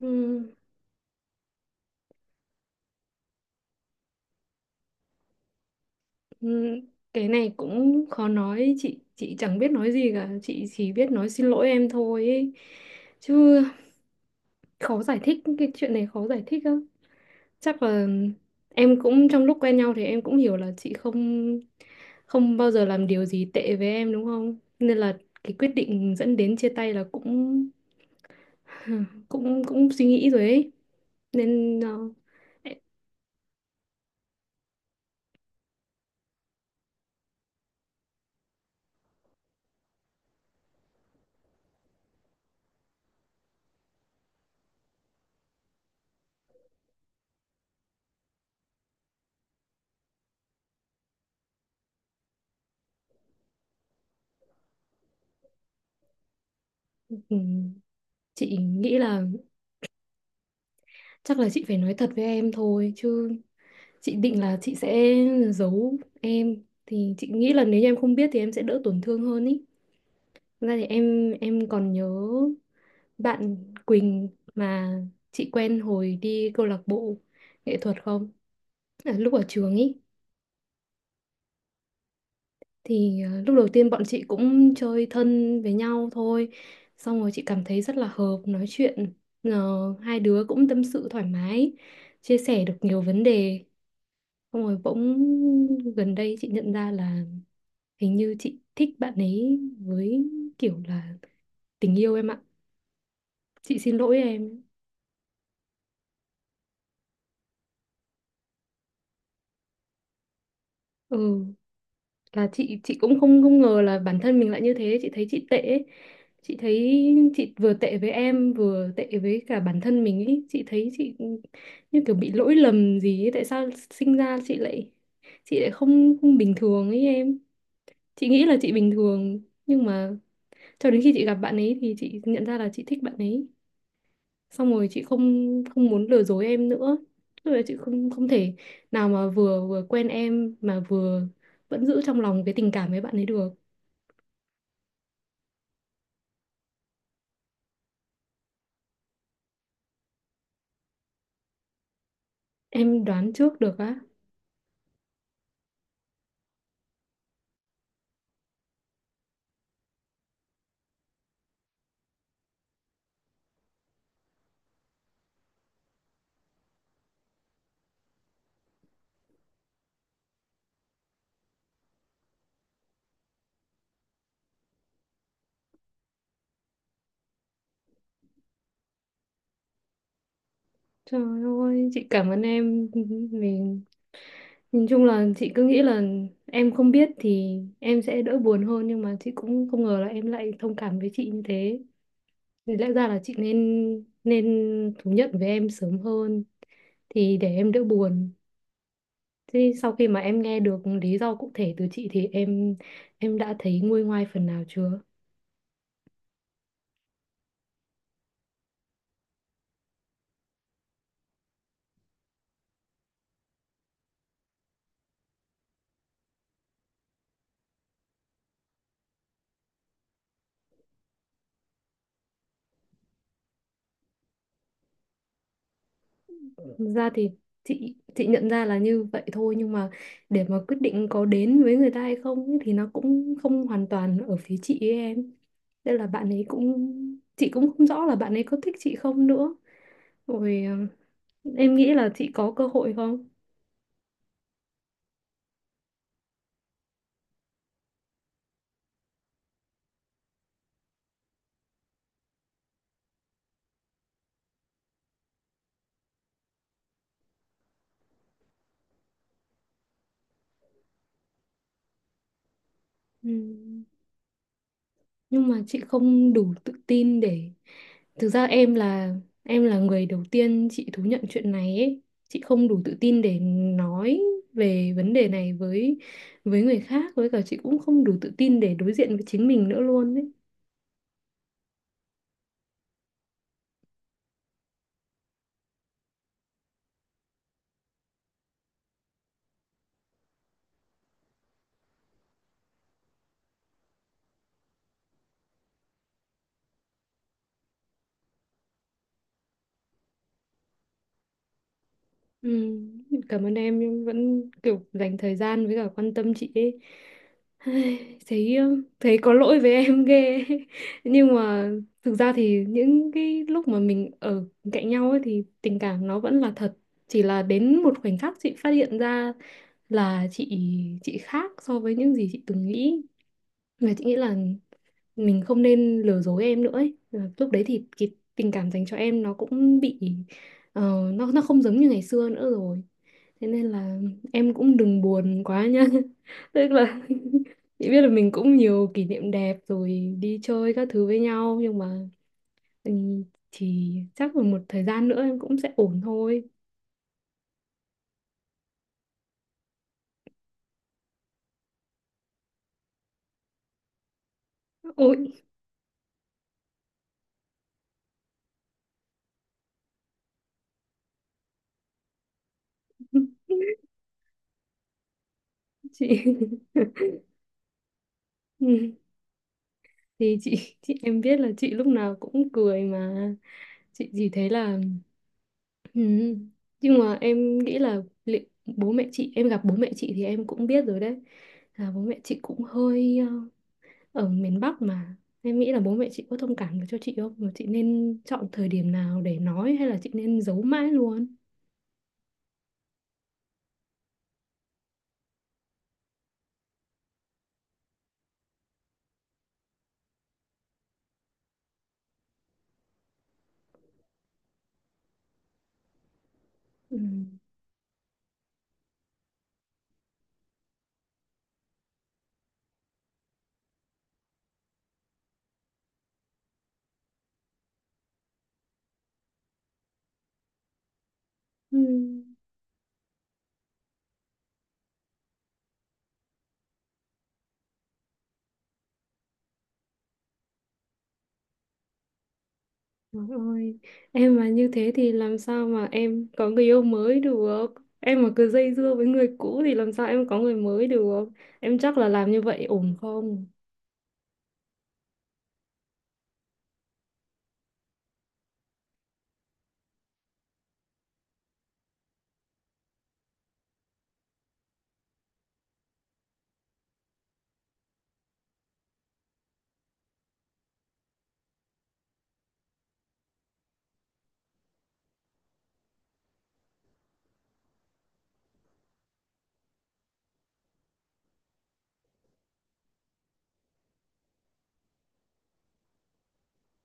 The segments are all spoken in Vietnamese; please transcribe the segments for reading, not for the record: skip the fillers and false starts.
Ừ, ừ, cái này cũng khó nói. Chị chẳng biết nói gì cả, chị chỉ biết nói xin lỗi em thôi ấy, chứ khó giải thích. Cái chuyện này khó giải thích lắm. Chắc là em cũng trong lúc quen nhau thì em cũng hiểu là chị không không bao giờ làm điều gì tệ với em đúng không, nên là cái quyết định dẫn đến chia tay là cũng cũng cũng suy nghĩ rồi ấy. Nên em- ừ, chị nghĩ là chắc là chị phải nói thật với em thôi, chứ chị định là chị sẽ giấu em, thì chị nghĩ là nếu như em không biết thì em sẽ đỡ tổn thương hơn ý. Thật ra thì em còn nhớ bạn Quỳnh mà chị quen hồi đi câu lạc bộ nghệ thuật không, à, lúc ở trường ý. Thì lúc đầu tiên bọn chị cũng chơi thân với nhau thôi, xong rồi chị cảm thấy rất là hợp nói chuyện. Ờ, hai đứa cũng tâm sự thoải mái, chia sẻ được nhiều vấn đề, xong rồi bỗng gần đây chị nhận ra là hình như chị thích bạn ấy với, kiểu là tình yêu em ạ. Chị xin lỗi em. Ừ, là chị cũng không không ngờ là bản thân mình lại như thế, chị thấy chị tệ ấy. Chị thấy chị vừa tệ với em, vừa tệ với cả bản thân mình ấy. Chị thấy chị như kiểu bị lỗi lầm gì ấy. Tại sao sinh ra chị lại không không bình thường ấy em. Chị nghĩ là chị bình thường, nhưng mà cho đến khi chị gặp bạn ấy thì chị nhận ra là chị thích bạn ấy. Xong rồi chị không không muốn lừa dối em nữa, tức là chị không không thể nào mà vừa vừa quen em mà vừa vẫn giữ trong lòng cái tình cảm với bạn ấy được. Em đoán trước được á? Trời ơi, chị cảm ơn em. Mình nhìn chung là chị cứ nghĩ là em không biết thì em sẽ đỡ buồn hơn, nhưng mà chị cũng không ngờ là em lại thông cảm với chị như thế. Thì lẽ ra là chị nên nên thú nhận với em sớm hơn, thì để em đỡ buồn. Thế sau khi mà em nghe được lý do cụ thể từ chị thì em đã thấy nguôi ngoai phần nào chưa? Thực ra thì chị nhận ra là như vậy thôi, nhưng mà để mà quyết định có đến với người ta hay không ấy thì nó cũng không hoàn toàn ở phía chị ấy em. Đây là bạn ấy cũng, chị cũng không rõ là bạn ấy có thích chị không nữa. Rồi em nghĩ là chị có cơ hội không? Ừ, nhưng mà chị không đủ tự tin để, thực ra em là người đầu tiên chị thú nhận chuyện này ấy. Chị không đủ tự tin để nói về vấn đề này với người khác, với cả chị cũng không đủ tự tin để đối diện với chính mình nữa luôn ấy. Ừ, cảm ơn em nhưng vẫn kiểu dành thời gian với cả quan tâm chị ấy. Ai, Thấy thấy có lỗi với em ghê ấy. Nhưng mà thực ra thì những cái lúc mà mình ở cạnh nhau ấy thì tình cảm nó vẫn là thật. Chỉ là đến một khoảnh khắc chị phát hiện ra là chị khác so với những gì chị từng nghĩ. Là chị nghĩ là mình không nên lừa dối em nữa ấy. Ờ, lúc đấy thì cái tình cảm dành cho em nó cũng bị nó không giống như ngày xưa nữa rồi. Thế nên là em cũng đừng buồn quá nha. Tức là chị biết là mình cũng nhiều kỷ niệm đẹp, rồi đi chơi các thứ với nhau, nhưng mà ừ, thì chắc là một thời gian nữa em cũng sẽ ổn thôi. Ôi. Chị. Ừ, thì chị em biết là chị lúc nào cũng cười mà. Chị chỉ thấy là ừ. Nhưng mà em nghĩ là bố mẹ chị, em gặp bố mẹ chị thì em cũng biết rồi đấy, là bố mẹ chị cũng hơi ở miền Bắc mà. Em nghĩ là bố mẹ chị có thông cảm được cho chị không, mà chị nên chọn thời điểm nào để nói, hay là chị nên giấu mãi luôn? Ừ. Ừ. Trời ơi, em mà như thế thì làm sao mà em có người yêu mới được? Em mà cứ dây dưa với người cũ thì làm sao em có người mới được? Em chắc là làm như vậy ổn không?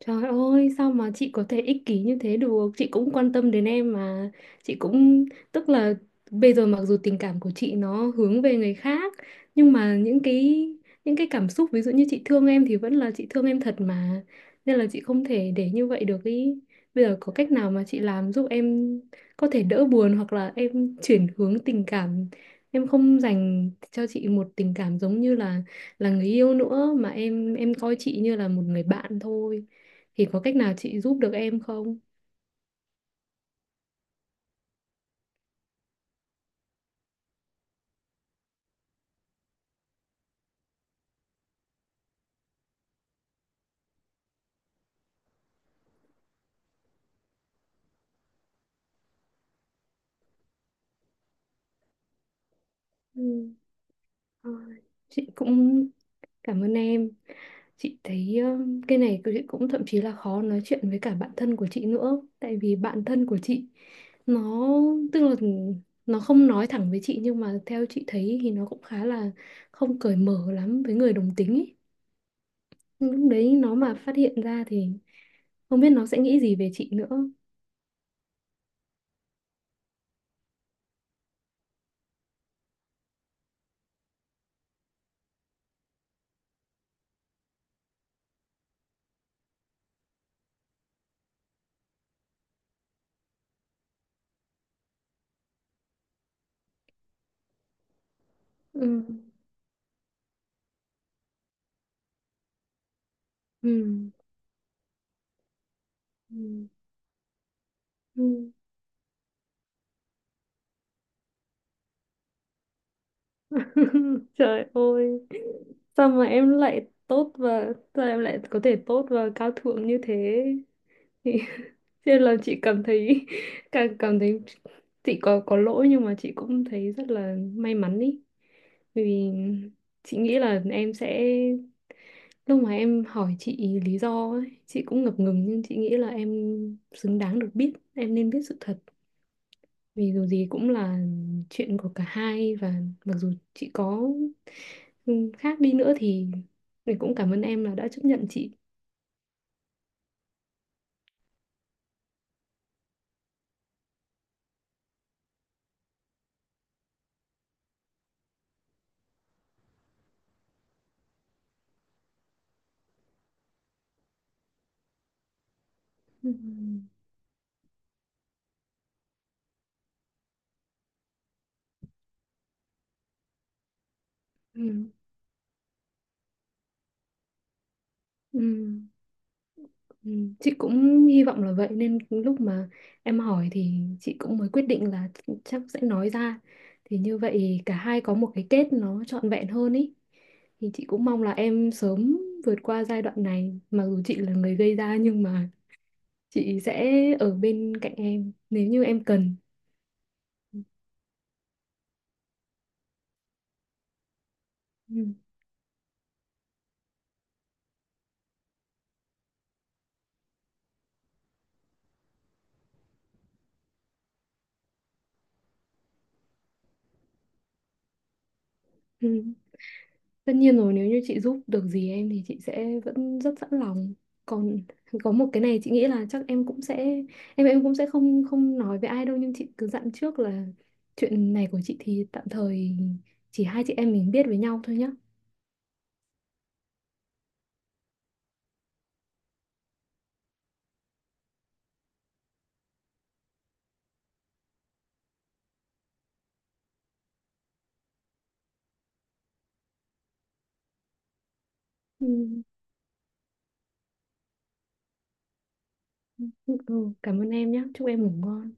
Trời ơi, sao mà chị có thể ích kỷ như thế được? Chị cũng quan tâm đến em mà. Chị cũng, tức là bây giờ mặc dù tình cảm của chị nó hướng về người khác, nhưng mà những cái cảm xúc ví dụ như chị thương em thì vẫn là chị thương em thật mà. Nên là chị không thể để như vậy được ý. Bây giờ có cách nào mà chị làm giúp em có thể đỡ buồn, hoặc là em chuyển hướng tình cảm, em không dành cho chị một tình cảm giống như là người yêu nữa, mà em coi chị như là một người bạn thôi, thì có cách nào chị giúp được em không? Ừ. Thôi, chị cũng cảm ơn em. Chị thấy cái này chị cũng thậm chí là khó nói chuyện với cả bạn thân của chị nữa, tại vì bạn thân của chị nó, tức là nó không nói thẳng với chị, nhưng mà theo chị thấy thì nó cũng khá là không cởi mở lắm với người đồng tính ấy. Nhưng lúc đấy nó mà phát hiện ra thì không biết nó sẽ nghĩ gì về chị nữa. Ừ. Ừ. Ừ. Ừ. Trời ơi, sao mà em lại tốt, và sao em lại có thể tốt và cao thượng như thế? Thì chứ là chị cảm thấy càng cảm thấy chị có lỗi, nhưng mà chị cũng thấy rất là may mắn ý. Bởi vì chị nghĩ là em sẽ, lúc mà em hỏi chị lý do ấy, chị cũng ngập ngừng, nhưng chị nghĩ là em xứng đáng được biết, em nên biết sự thật. Vì dù gì cũng là chuyện của cả hai, và mặc dù chị có ừ, khác đi nữa thì mình cũng cảm ơn em là đã chấp nhận chị. Ừ. Ừ. Ừ. Ừ. Chị cũng hy vọng là vậy, nên lúc mà em hỏi thì chị cũng mới quyết định là chắc sẽ nói ra, thì như vậy cả hai có một cái kết nó trọn vẹn hơn ý. Thì chị cũng mong là em sớm vượt qua giai đoạn này, mặc dù chị là người gây ra nhưng mà chị sẽ ở bên cạnh em nếu như em cần. Ừ. Ừ. Tất nhiên rồi, nếu như chị giúp được gì em thì chị sẽ vẫn rất sẵn lòng. Còn có một cái này chị nghĩ là chắc em cũng sẽ không không nói với ai đâu, nhưng chị cứ dặn trước là chuyện này của chị thì tạm thời chỉ hai chị em mình biết với nhau thôi nhá. Ừ. Ừ. Ừ. Cảm ơn em nhé, chúc em ngủ ngon.